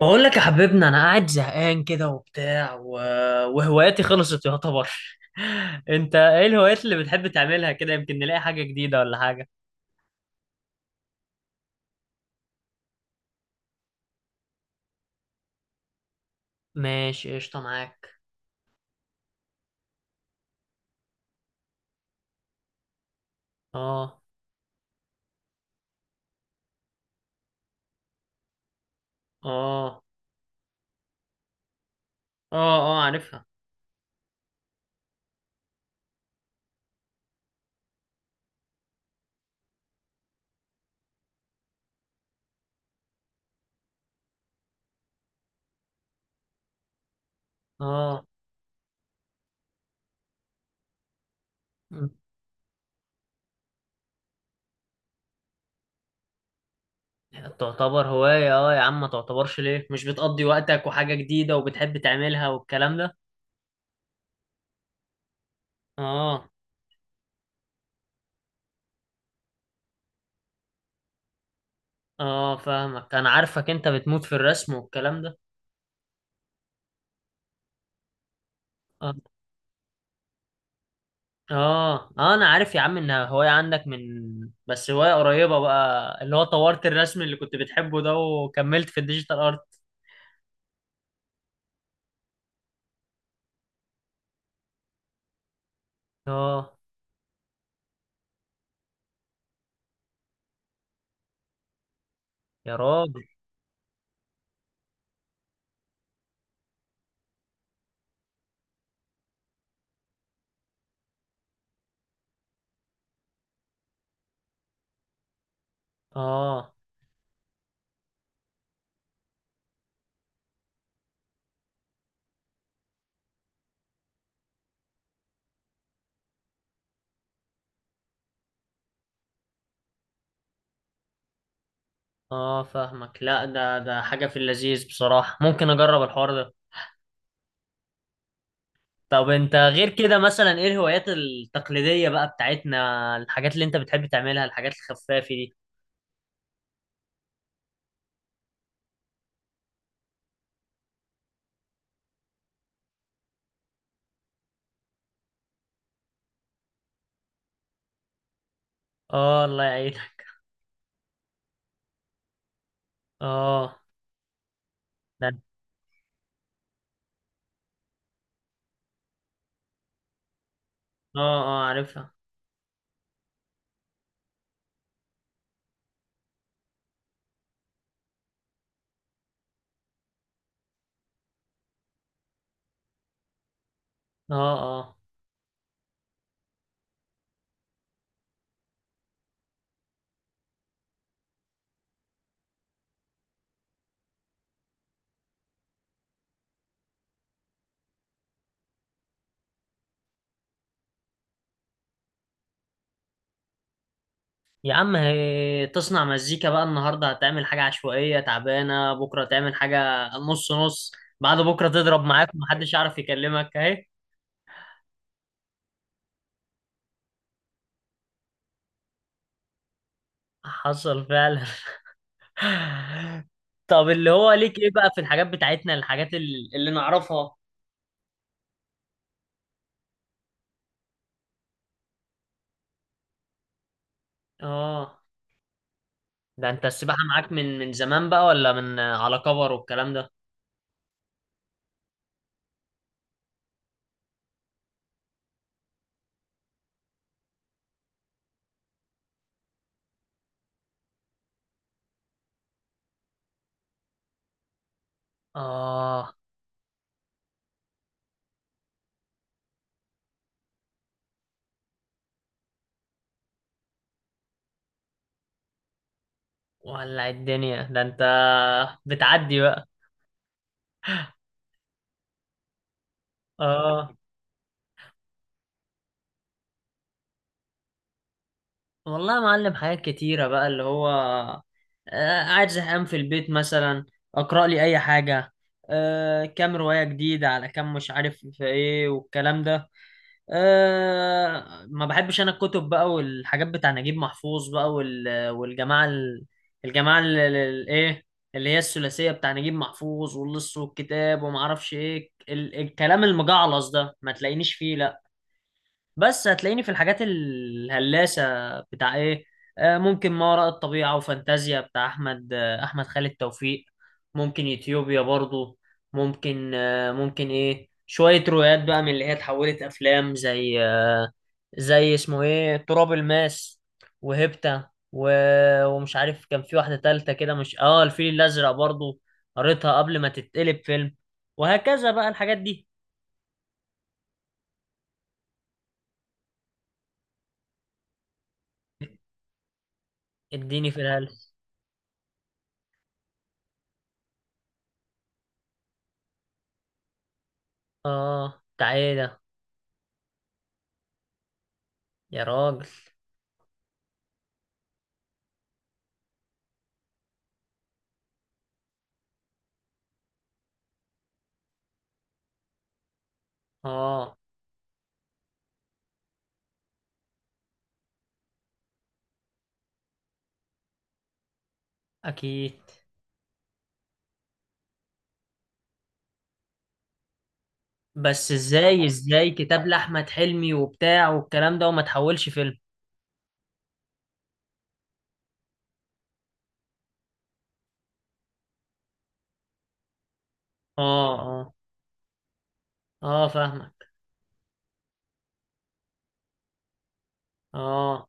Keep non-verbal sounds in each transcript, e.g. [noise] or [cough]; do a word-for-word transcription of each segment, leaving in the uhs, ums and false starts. بقول لك يا حبيبنا انا قاعد زهقان كده وبتاع و... وهواياتي خلصت يعتبر. [laughs] انت ايه الهوايات اللي بتحب تعملها كده؟ يمكن نلاقي حاجة جديدة ولا حاجة. ماشي قشطة معاك. اه. اه. اه. اه عارفها. اه. م. تعتبر هواية اه يا عم، ما تعتبرش ليه؟ مش بتقضي وقتك وحاجة جديدة وبتحب تعملها والكلام ده. اه. اه فاهمك، انا عارفك انت بتموت في الرسم والكلام ده. آه. اه اه انا عارف يا عم ان هواية عندك من، بس هواية قريبة بقى اللي هو طورت الرسم اللي كنت بتحبه ده وكملت في الديجيتال ارت. اه. يا راجل. اه اه فاهمك. لا ده ده حاجة في اللذيذ بصراحة، ممكن اجرب الحوار ده. طب انت غير كده مثلا ايه الهوايات التقليدية بقى بتاعتنا، الحاجات اللي انت بتحب تعملها، الحاجات الخفافة دي؟ اه الله يعينك. اه. ده. اه اه عارفها. اه. آه. يا عم هي تصنع مزيكا بقى؟ النهارده هتعمل حاجة عشوائية تعبانة، بكرة تعمل حاجة نص نص، بعد بكرة تضرب معاك ومحدش يعرف يكلمك اهي. حصل فعلا. [laughs] طب اللي هو ليك ايه بقى في الحاجات بتاعتنا، الحاجات ال- اللي نعرفها؟ اه. ده انت السباحة معاك من من زمان بقى ولا من على كبر والكلام ده؟ اه. ولع الدنيا ده انت، بتعدي بقى. اه والله يا معلم حاجات كتيرة بقى اللي هو آه، قاعد زهقان في البيت مثلا، اقرأ لي اي حاجة، آه، كام رواية جديدة على كام مش عارف في ايه والكلام ده. آه، ما بحبش انا الكتب بقى والحاجات بتاع نجيب محفوظ بقى وال- والجماعة ال- الجماعة ال- ال- ال- ايه، اللي هي الثلاثية بتاع نجيب محفوظ واللص والكتاب وما اعرفش ايه، ال- الكلام المجعلص ده ما تلاقينيش فيه. بس هتلاقيني في الحاجات الهلاسة. بتاع ايه؟ آه، ممكن ما وراء الطبيعة وفانتازيا بتاع احمد آه، احمد خالد توفيق. ممكن يوتيوبيا برضو. ممكن آه، ممكن ايه شوية روايات بقى من اللي هي اتحولت افلام، زي آه، زي اسمه ايه تراب الماس وهيبتا و... ومش عارف كان في واحدة تالتة كده، مش اه الفيل الازرق برضو، قريتها قبل ما تتقلب فيلم. وهكذا بقى الحاجات دي. اديني في الهلس. اه تعالى. يا راجل. اه. اكيد. بس ازاي ازاي كتاب لاحمد حلمي وبتاع والكلام ده وما تحولش فيلم؟ اه. اه. اه فاهمك. اه.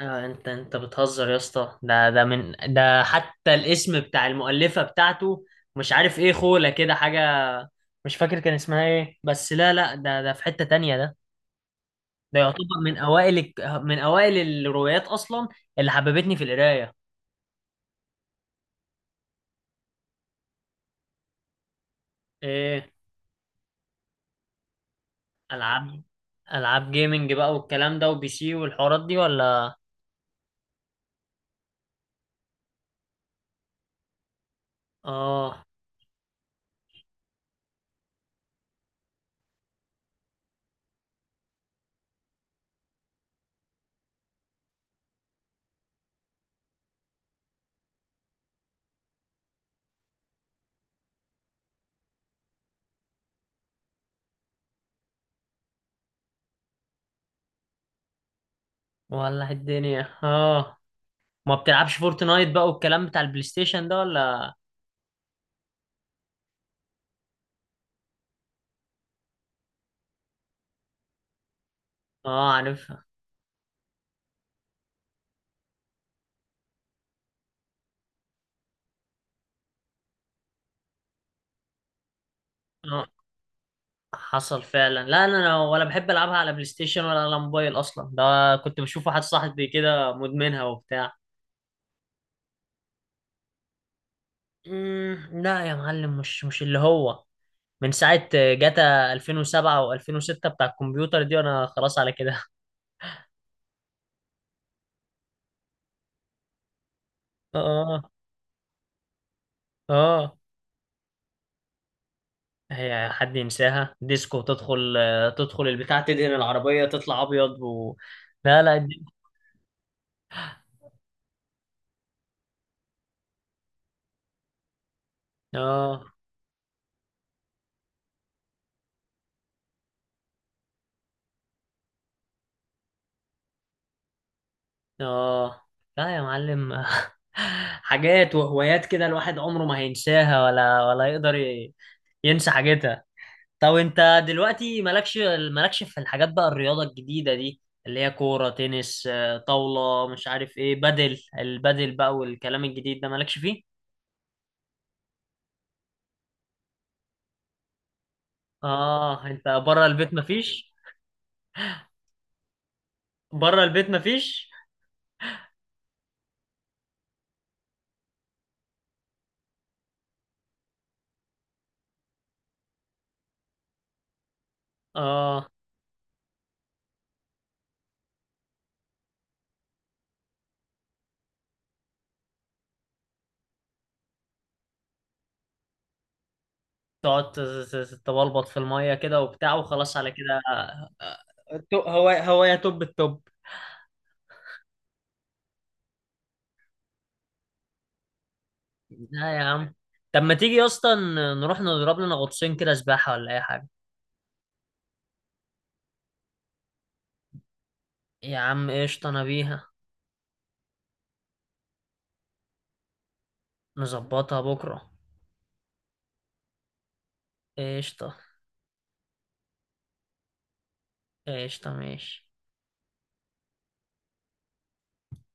آه، انت انت بتهزر يا اسطى، ده ده من، ده حتى الاسم بتاع المؤلفة بتاعته مش عارف ايه خولة كده حاجة، مش فاكر كان اسمها ايه، بس لا لا ده ده في حتة تانية ده، ده يعتبر من اوائل الك- من اوائل الروايات اصلا اللي حببتني في القراية. ايه؟ العاب. العاب جيمنج بقى والكلام ده وبي سي والحوارات دي ولا؟ اه. ولا الدنيا اه. ما بتلعبش فورتنايت بقى والكلام بتاع البلاي ستيشن ده ولا؟ اه عارفها. اه. حصل فعلا. لا انا، أنا ولا بحب العبها على بلاي ستيشن ولا على موبايل اصلا، ده كنت بشوف واحد صاحبي كده مدمنها وبتاع. مم، لا يا معلم، مش مش اللي هو من ساعة جاتا ألفين وسبعة و2006 بتاع الكمبيوتر دي وانا خلاص على كده. [laughs] اه. اه هي حد ينساها؟ ديسكو تدخل آه، تدخل البتاع تدهن العربية تطلع أبيض و... لا لا الد- اه. اه لا يا معلم. [laughs] حاجات وهوايات كده الواحد عمره ما هينساها ولا ولا يقدر ي- ينسى حاجتها. طب انت دلوقتي مالكش مالكش في الحاجات بقى الرياضة الجديدة دي، اللي هي كورة تنس آه، طاولة مش عارف ايه بدل البدل بقى والكلام الجديد ده، مالكش فيه؟ اه انت بره البيت مفيش؟ بره البيت مفيش. اه تقعد ت- ت- تبلبط في المية كده وبتاع وخلاص على كده آه، آه، تو- هو هو يا توب التوب. لا يا عم. طب ما تيجي يا اسطى ن- نروح نضرب لنا غطسين كده سباحة ولا أي حاجة؟ يا عم قشطة أنا بيها. نظبطها بكرة. قشطة. قشطة ماشي.